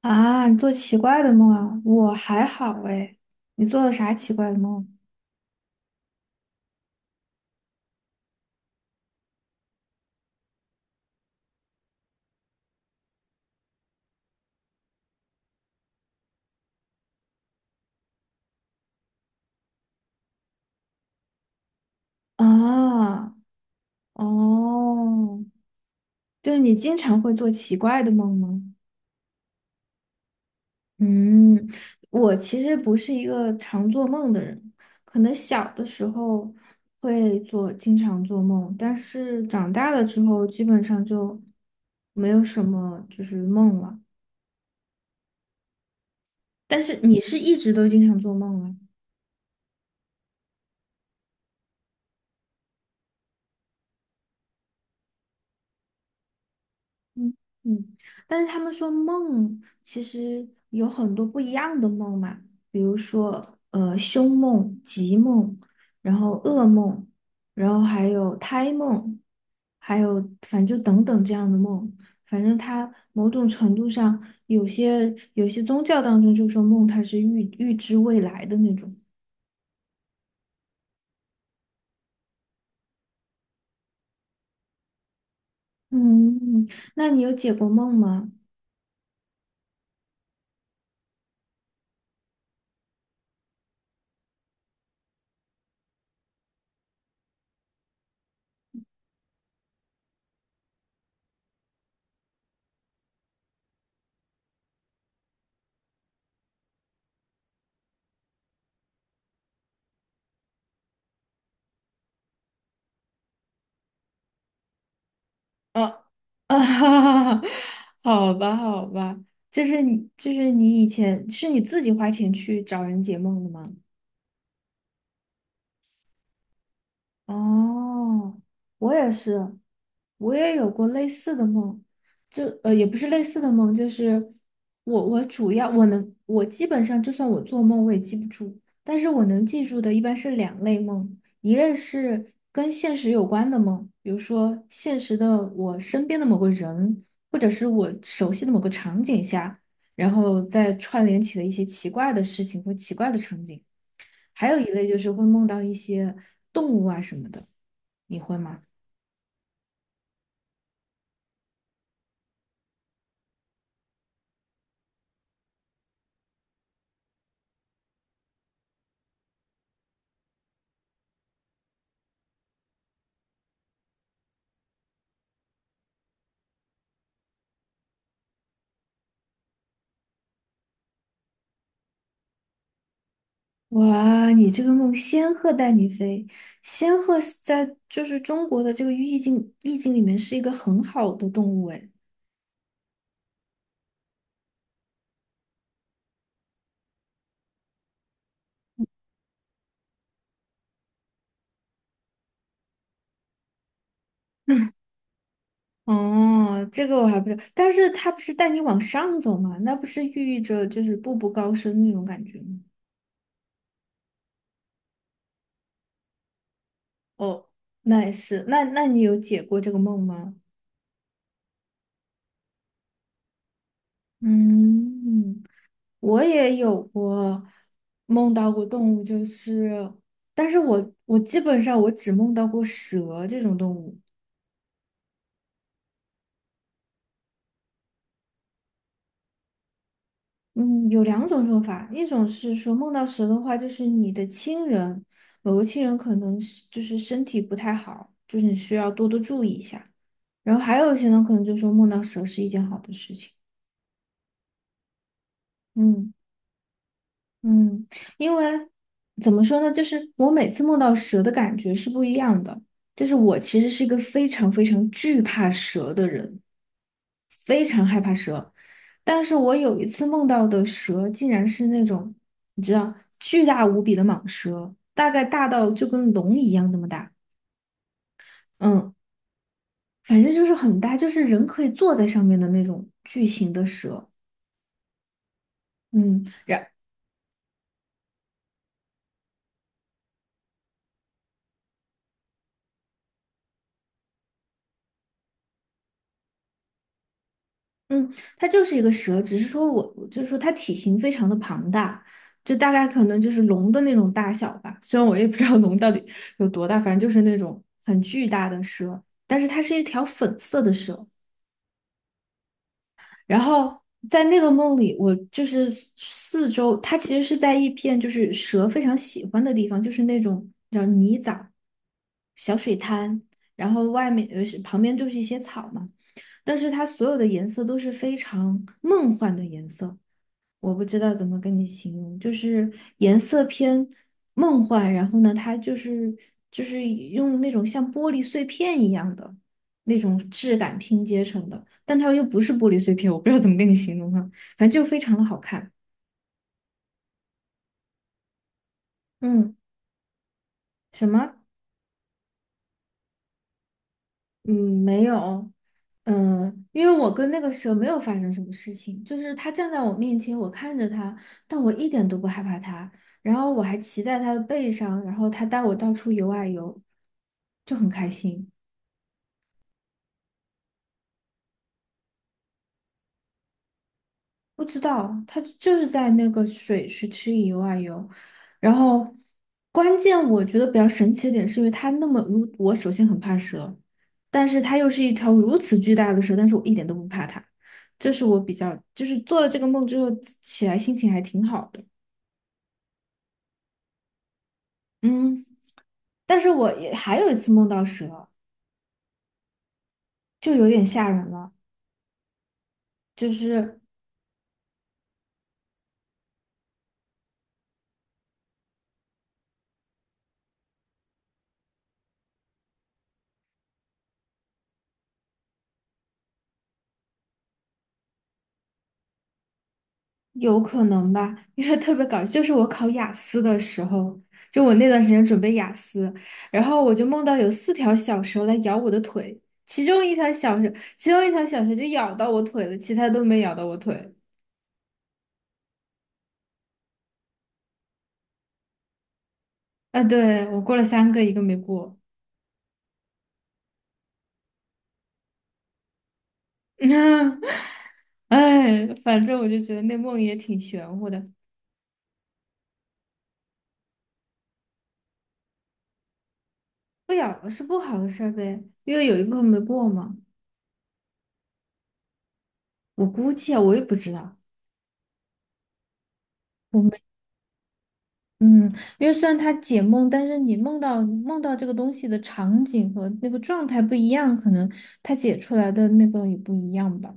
啊，你做奇怪的梦啊？我还好哎，你做了啥奇怪的梦？啊，哦，就是你经常会做奇怪的梦吗？嗯，我其实不是一个常做梦的人，可能小的时候会做，经常做梦，但是长大了之后基本上就没有什么梦了。但是你是一直都经常做梦啊？嗯嗯，但是他们说梦其实有很多不一样的梦嘛，比如说凶梦、吉梦，然后噩梦，然后还有胎梦，还有反正就等等这样的梦，反正它某种程度上有些宗教当中就说梦它是预知未来的那种。嗯，那你有解过梦吗？啊，啊，哈哈！好吧，好吧，就是你以前是你自己花钱去找人解梦的吗？哦，我也是，我也有过类似的梦，就呃也不是类似的梦，就是我主要我基本上就算我做梦我也记不住，但是我能记住的一般是两类梦，一类是跟现实有关的梦，比如说现实的我身边的某个人，或者是我熟悉的某个场景下，然后再串联起了一些奇怪的事情或奇怪的场景。还有一类就是会梦到一些动物啊什么的，你会吗？哇，你这个梦，仙鹤带你飞。仙鹤是在就是中国的这个意境里面是一个很好的动物诶。哦，这个我还不知道，但是它不是带你往上走吗？那不是寓意着就是步步高升那种感觉吗？哦，那也是，那你有解过这个梦吗？嗯。我也有过梦到过动物，就是，但是我基本上我只梦到过蛇这种动物。嗯，有两种说法，一种是说梦到蛇的话，就是你的亲人，某个亲人可能是就是身体不太好，就是你需要多多注意一下。然后还有一些呢，可能就说梦到蛇是一件好的事情。嗯。嗯，因为怎么说呢，就是我每次梦到蛇的感觉是不一样的。就是我其实是一个非常非常惧怕蛇的人，非常害怕蛇。但是我有一次梦到的蛇，竟然是那种你知道巨大无比的蟒蛇，大概大到就跟龙一样那么大。嗯，反正就是很大，就是人可以坐在上面的那种巨型的蛇。嗯。然。嗯，它就是一个蛇，只是说我就是说它体型非常的庞大，就大概可能就是龙的那种大小吧。虽然我也不知道龙到底有多大，反正就是那种很巨大的蛇，但是它是一条粉色的蛇。然后在那个梦里，我就是四周，它其实是在一片就是蛇非常喜欢的地方，就是那种叫泥沼、小水滩，然后外面是旁边就是一些草嘛，但是它所有的颜色都是非常梦幻的颜色，我不知道怎么跟你形容，就是颜色偏梦幻，然后呢，它就是就是用那种像玻璃碎片一样的那种质感拼接成的，但它又不是玻璃碎片，我不知道怎么跟你形容哈，反正就非常的好看。嗯，什么？嗯，没有，嗯，因为我跟那个蛇没有发生什么事情，就是它站在我面前，我看着它，但我一点都不害怕它，然后我还骑在它的背上，然后它带我到处游啊游，就很开心。不知道，它就是在那个水池里游啊游，然后关键我觉得比较神奇的点是因为它那么如我首先很怕蛇，但是它又是一条如此巨大的蛇，但是我一点都不怕它，这是我比较就是做了这个梦之后起来心情还挺好的，嗯，但是我也还有一次梦到蛇，就有点吓人了。就是。有可能吧，因为特别搞笑，就是我考雅思的时候，就我那段时间准备雅思，然后我就梦到有四条小蛇来咬我的腿，其中一条小蛇就咬到我腿了，其他都没咬到我腿。啊，对，我过了三个，一个没过。哎，反正我就觉得那梦也挺玄乎的，不咬了是不好的事儿呗，因为有一个没过嘛。我估计啊，我也不知道。我没。嗯，因为虽然它解梦，但是你梦到这个东西的场景和那个状态不一样，可能它解出来的那个也不一样吧。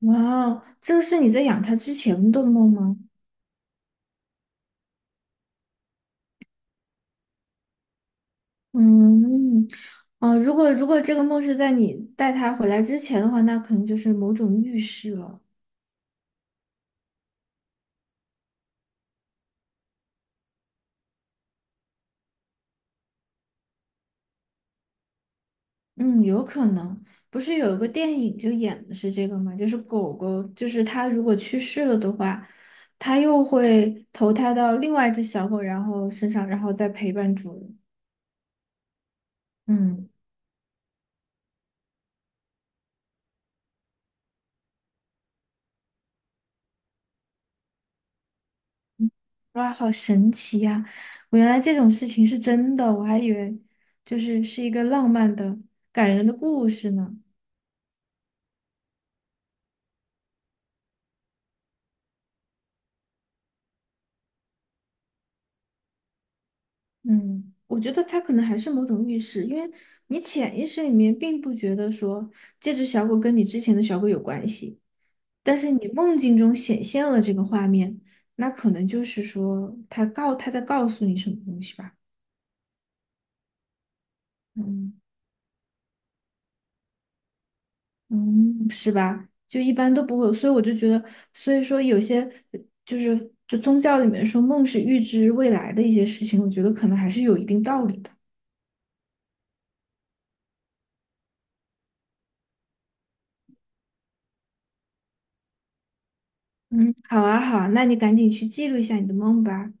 哇，这个是你在养它之前的梦吗？嗯，哦，如果这个梦是在你带它回来之前的话，那可能就是某种预示了。嗯，有可能，不是有一个电影就演的是这个吗？就是狗狗，就是它如果去世了的话，它又会投胎到另外一只小狗，然后身上，然后再陪伴主人。嗯，哇，好神奇呀！我原来这种事情是真的，我还以为是一个浪漫的、感人的故事呢。嗯，我觉得它可能还是某种预示，因为你潜意识里面并不觉得说这只小狗跟你之前的小狗有关系。但是你梦境中显现了这个画面，那可能就是说他在告诉你什么东西吧？嗯嗯，是吧？就一般都不会有所以我就觉得，所以说有些呃就宗教里面说梦是预知未来的一些事情，我觉得可能还是有一定道理的。嗯，好啊，好啊，那你赶紧去记录一下你的梦吧。